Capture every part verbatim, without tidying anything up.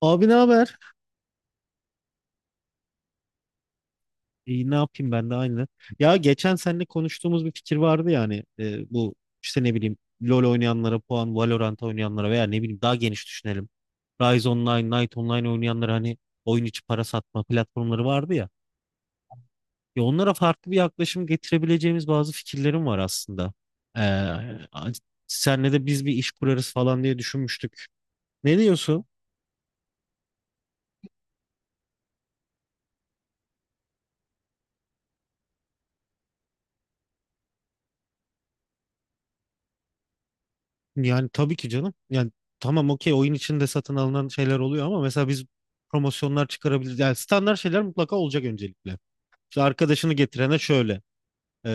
Abi ne haber? İyi ne yapayım ben de aynı. Ya geçen seninle konuştuğumuz bir fikir vardı yani bu işte ne bileyim LoL oynayanlara puan, Valorant oynayanlara veya ne bileyim daha geniş düşünelim. Rise Online, Night Online oynayanlara hani oyun içi para satma platformları vardı ya. Ya onlara farklı bir yaklaşım getirebileceğimiz bazı fikirlerim var aslında. Ee, Senle de biz bir iş kurarız falan diye düşünmüştük. Ne diyorsun? Yani tabii ki canım. Yani tamam okey, oyun içinde satın alınan şeyler oluyor ama mesela biz promosyonlar çıkarabiliriz. Yani standart şeyler mutlaka olacak öncelikle. İşte arkadaşını getirene şöyle. e,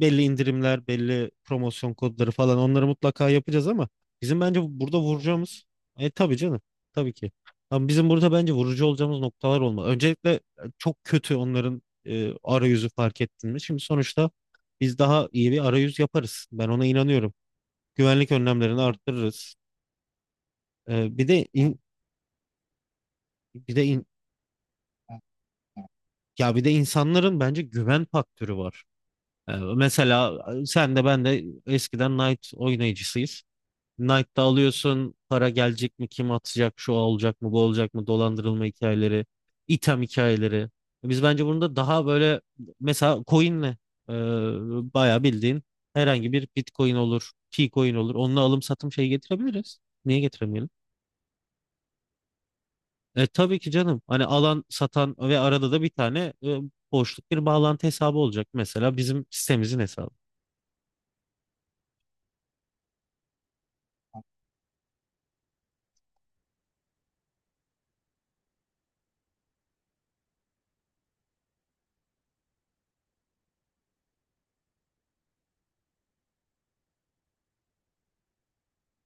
Belli indirimler, belli promosyon kodları falan onları mutlaka yapacağız ama bizim bence burada vuracağımız... e Tabii canım. Tabii ki. Ama bizim burada bence vurucu olacağımız noktalar olmalı. Öncelikle e, çok kötü onların e, arayüzü, fark ettin mi? Şimdi sonuçta biz daha iyi bir arayüz yaparız. Ben ona inanıyorum, güvenlik önlemlerini arttırırız. Ee, bir de in- bir de in- Ya bir de insanların bence güven faktörü var. Ee, mesela sen de ben de eskiden Knight oynayıcısıyız. Knight'ta alıyorsun, para gelecek mi, kim atacak, şu olacak mı, bu olacak mı, dolandırılma hikayeleri, item hikayeleri. Biz bence bunu da daha böyle, mesela coin'le e, bayağı bildiğin herhangi bir Bitcoin olur, T-Coin olur. Onunla alım satım şeyi getirebiliriz. Niye getiremeyelim? E, tabii ki canım. Hani alan, satan ve arada da bir tane e, boşluk bir bağlantı hesabı olacak. Mesela bizim sitemizin hesabı.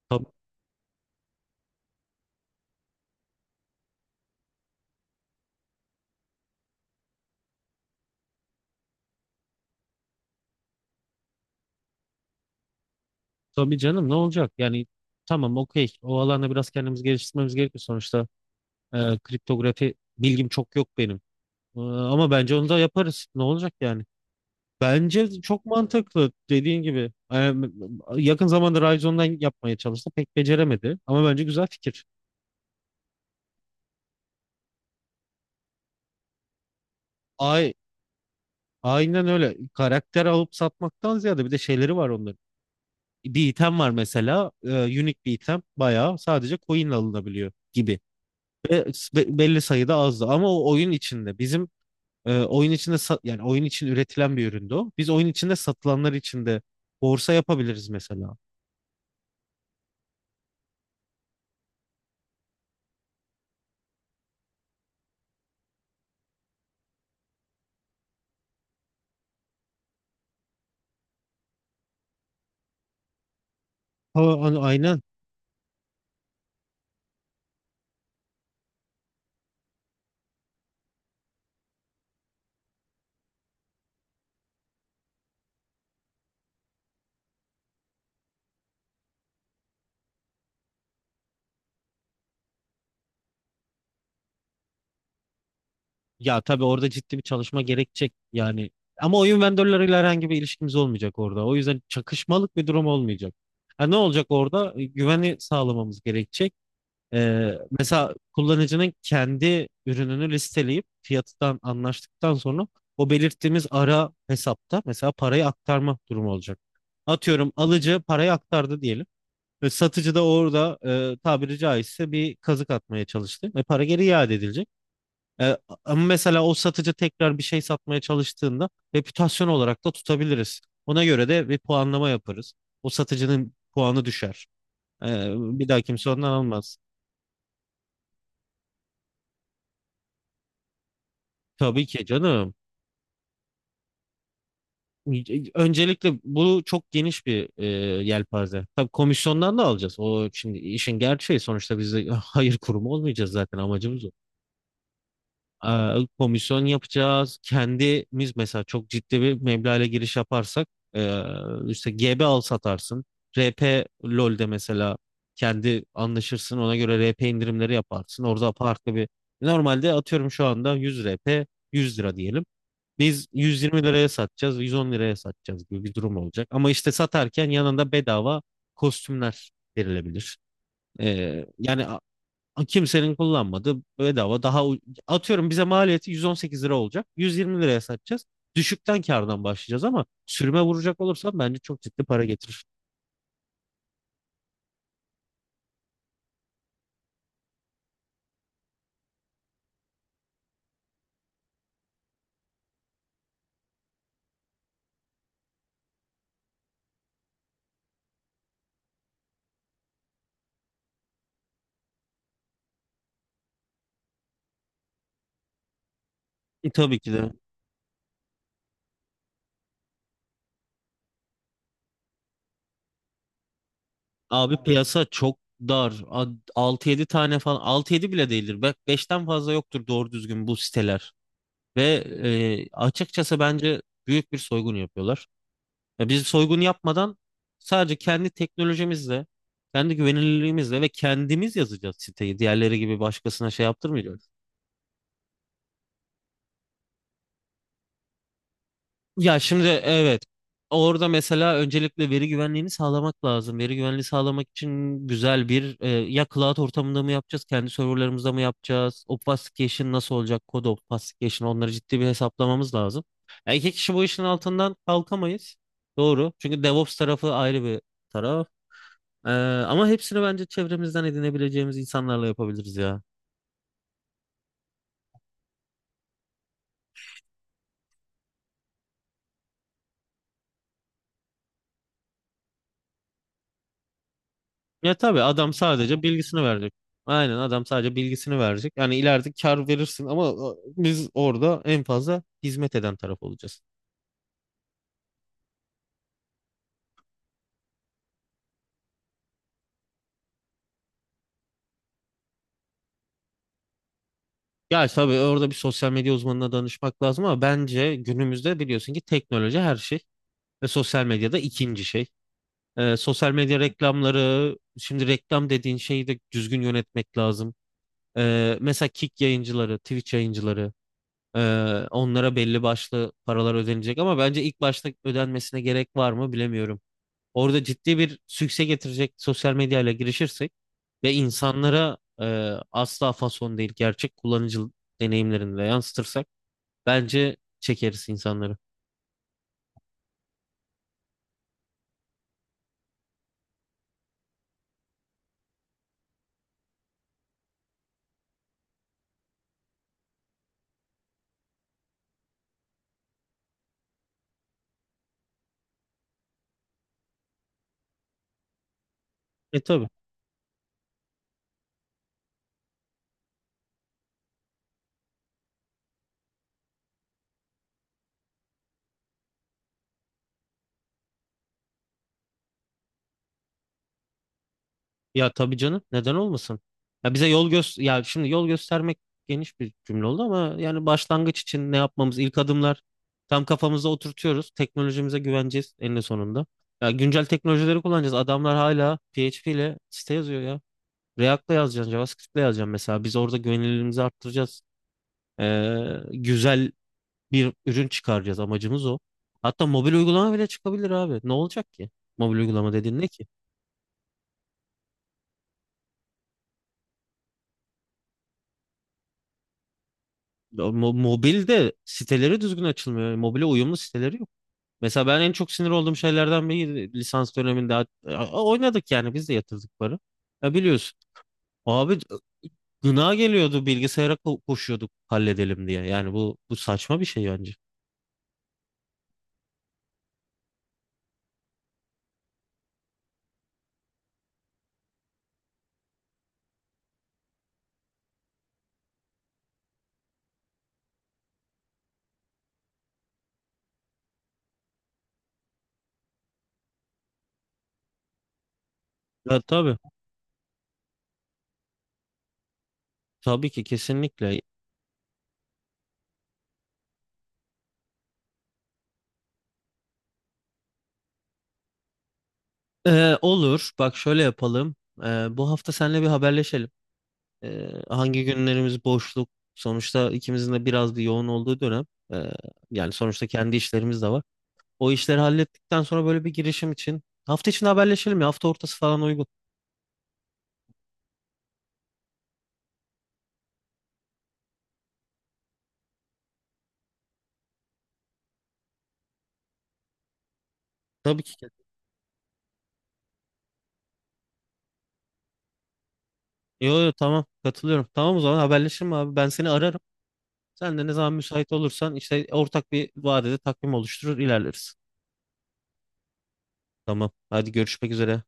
Tabii, tabii canım, ne olacak? Yani tamam okey. O alanda biraz kendimizi geliştirmemiz gerekiyor. Sonuçta e, kriptografi bilgim çok yok benim. E, ama bence onu da yaparız. Ne olacak yani? Bence çok mantıklı dediğin gibi. E, yakın zamanda Ryzen'dan yapmaya çalıştı. Pek beceremedi. Ama bence güzel fikir. Ay, aynen öyle. Karakter alıp satmaktan ziyade bir de şeyleri var onların. Bir item var mesela. E, unique bir item. Bayağı sadece coin ile alınabiliyor gibi. Ve s- be- belli sayıda azdı. Ama o oyun içinde bizim e, oyun içinde sa- yani oyun için üretilen bir üründü o. Biz oyun içinde satılanlar içinde borsa yapabiliriz mesela. Ha, a- aynen. Ya tabii orada ciddi bir çalışma gerekecek. Yani ama oyun vendorlarıyla herhangi bir ilişkimiz olmayacak orada. O yüzden çakışmalık bir durum olmayacak. Ha, ne olacak orada? E, Güveni sağlamamız gerekecek. Ee, Mesela kullanıcının kendi ürününü listeleyip fiyatından anlaştıktan sonra o belirttiğimiz ara hesapta mesela parayı aktarma durumu olacak. Atıyorum alıcı parayı aktardı diyelim. Ve satıcı da orada e, tabiri caizse bir kazık atmaya çalıştı ve para geri iade edilecek. E, Ama mesela o satıcı tekrar bir şey satmaya çalıştığında reputasyon olarak da tutabiliriz. Ona göre de bir puanlama yaparız. O satıcının puanı düşer. E, Bir daha kimse ondan almaz. Tabii ki canım. Öncelikle bu çok geniş bir e, yelpaze. Tabii komisyondan da alacağız. O, şimdi işin gerçeği, sonuçta biz de hayır kurumu olmayacağız zaten, amacımız o. Ee, komisyon yapacağız. Kendimiz mesela çok ciddi bir meblağla giriş yaparsak e, işte G B al satarsın. R P LoL'de mesela kendi anlaşırsın, ona göre R P indirimleri yaparsın. Orada farklı bir... Normalde atıyorum, şu anda yüz R P yüz lira diyelim. Biz yüz yirmi liraya satacağız, yüz on liraya satacağız gibi bir durum olacak. Ama işte satarken yanında bedava kostümler verilebilir. Ee, yani a- kimsenin kullanmadığı bedava daha u- atıyorum bize maliyeti yüz on sekiz lira olacak. yüz yirmi liraya satacağız. Düşükten kardan başlayacağız ama sürüme vuracak olursam bence çok ciddi para getirir. E, tabii ki de. Abi piyasa çok dar. A- altı yedi tane falan, altı yedi bile değildir. Bak beşten fazla yoktur doğru düzgün bu siteler. Ve e, açıkçası bence büyük bir soygun yapıyorlar. Ya biz soygun yapmadan sadece kendi teknolojimizle, kendi güvenilirliğimizle, ve kendimiz yazacağız siteyi. Diğerleri gibi başkasına şey yaptırmayacağız. Ya şimdi evet. Orada mesela öncelikle veri güvenliğini sağlamak lazım. Veri güvenliği sağlamak için güzel bir e, ya cloud ortamında mı yapacağız, kendi serverlarımızda mı yapacağız? Obfuscation nasıl olacak? Kod obfuscation, onları ciddi bir hesaplamamız lazım. Ya iki kişi bu işin altından kalkamayız. Doğru. Çünkü DevOps tarafı ayrı bir taraf. Ee, Ama hepsini bence çevremizden edinebileceğimiz insanlarla yapabiliriz ya. Ya tabii, adam sadece bilgisini verecek. Aynen, adam sadece bilgisini verecek. Yani ileride kar verirsin ama e, biz orada en fazla hizmet eden taraf olacağız. Ya tabii orada bir sosyal medya uzmanına danışmak lazım ama bence günümüzde biliyorsun ki teknoloji her şey, ve sosyal medyada ikinci şey. E, sosyal medya reklamları, şimdi reklam dediğin şeyi de düzgün yönetmek lazım. E, mesela Kick yayıncıları, Twitch yayıncıları, ee, onlara belli başlı paralar ödenecek ama bence ilk başta ödenmesine gerek var mı bilemiyorum. Orada ciddi bir sükse getirecek sosyal medyayla girişirsek ve insanlara e, asla fason değil, gerçek kullanıcı deneyimlerini de yansıtırsak bence çekeriz insanları. E tabii. Ya tabii canım, neden olmasın? Ya bize yol göz, ya şimdi yol göstermek geniş bir cümle oldu ama yani başlangıç için ne yapmamız, ilk adımlar tam kafamıza oturtuyoruz. Teknolojimize güveneceğiz eninde sonunda. Ya güncel teknolojileri kullanacağız. Adamlar hala P H P ile site yazıyor ya. React'la yazacaksın, JavaScript'le yazacaksın mesela. Biz orada güvenilirliğimizi arttıracağız. Ee, güzel bir ürün çıkaracağız. Amacımız o. Hatta mobil uygulama bile çıkabilir abi. Ne olacak ki? Mobil uygulama dediğin ne ki? Ya mo- Mobilde siteleri düzgün açılmıyor. Yani Mobile uyumlu siteleri yok. Mesela ben en çok sinir olduğum şeylerden biri, lisans döneminde a- a- oynadık yani, biz de yatırdık para. Ya biliyorsun. Abi gına geliyordu, bilgisayara ko- koşuyorduk halledelim diye. Yani bu bu saçma bir şey bence. Ya tabii. Tabii ki, kesinlikle. Ee, olur. Bak şöyle yapalım. Ee, bu hafta seninle bir haberleşelim. Ee, hangi günlerimiz boşluk? Sonuçta ikimizin de biraz bir yoğun olduğu dönem. Ee, Yani sonuçta kendi işlerimiz de var. O işleri hallettikten sonra böyle bir girişim için hafta içinde haberleşelim ya. Hafta ortası falan uygun. Tabii ki. Yo yo, tamam, katılıyorum. Tamam, o zaman haberleşelim abi. Ben seni ararım. Sen de ne zaman müsait olursan, işte ortak bir vadede takvim oluşturur ilerleriz. Tamam. Hadi, görüşmek üzere.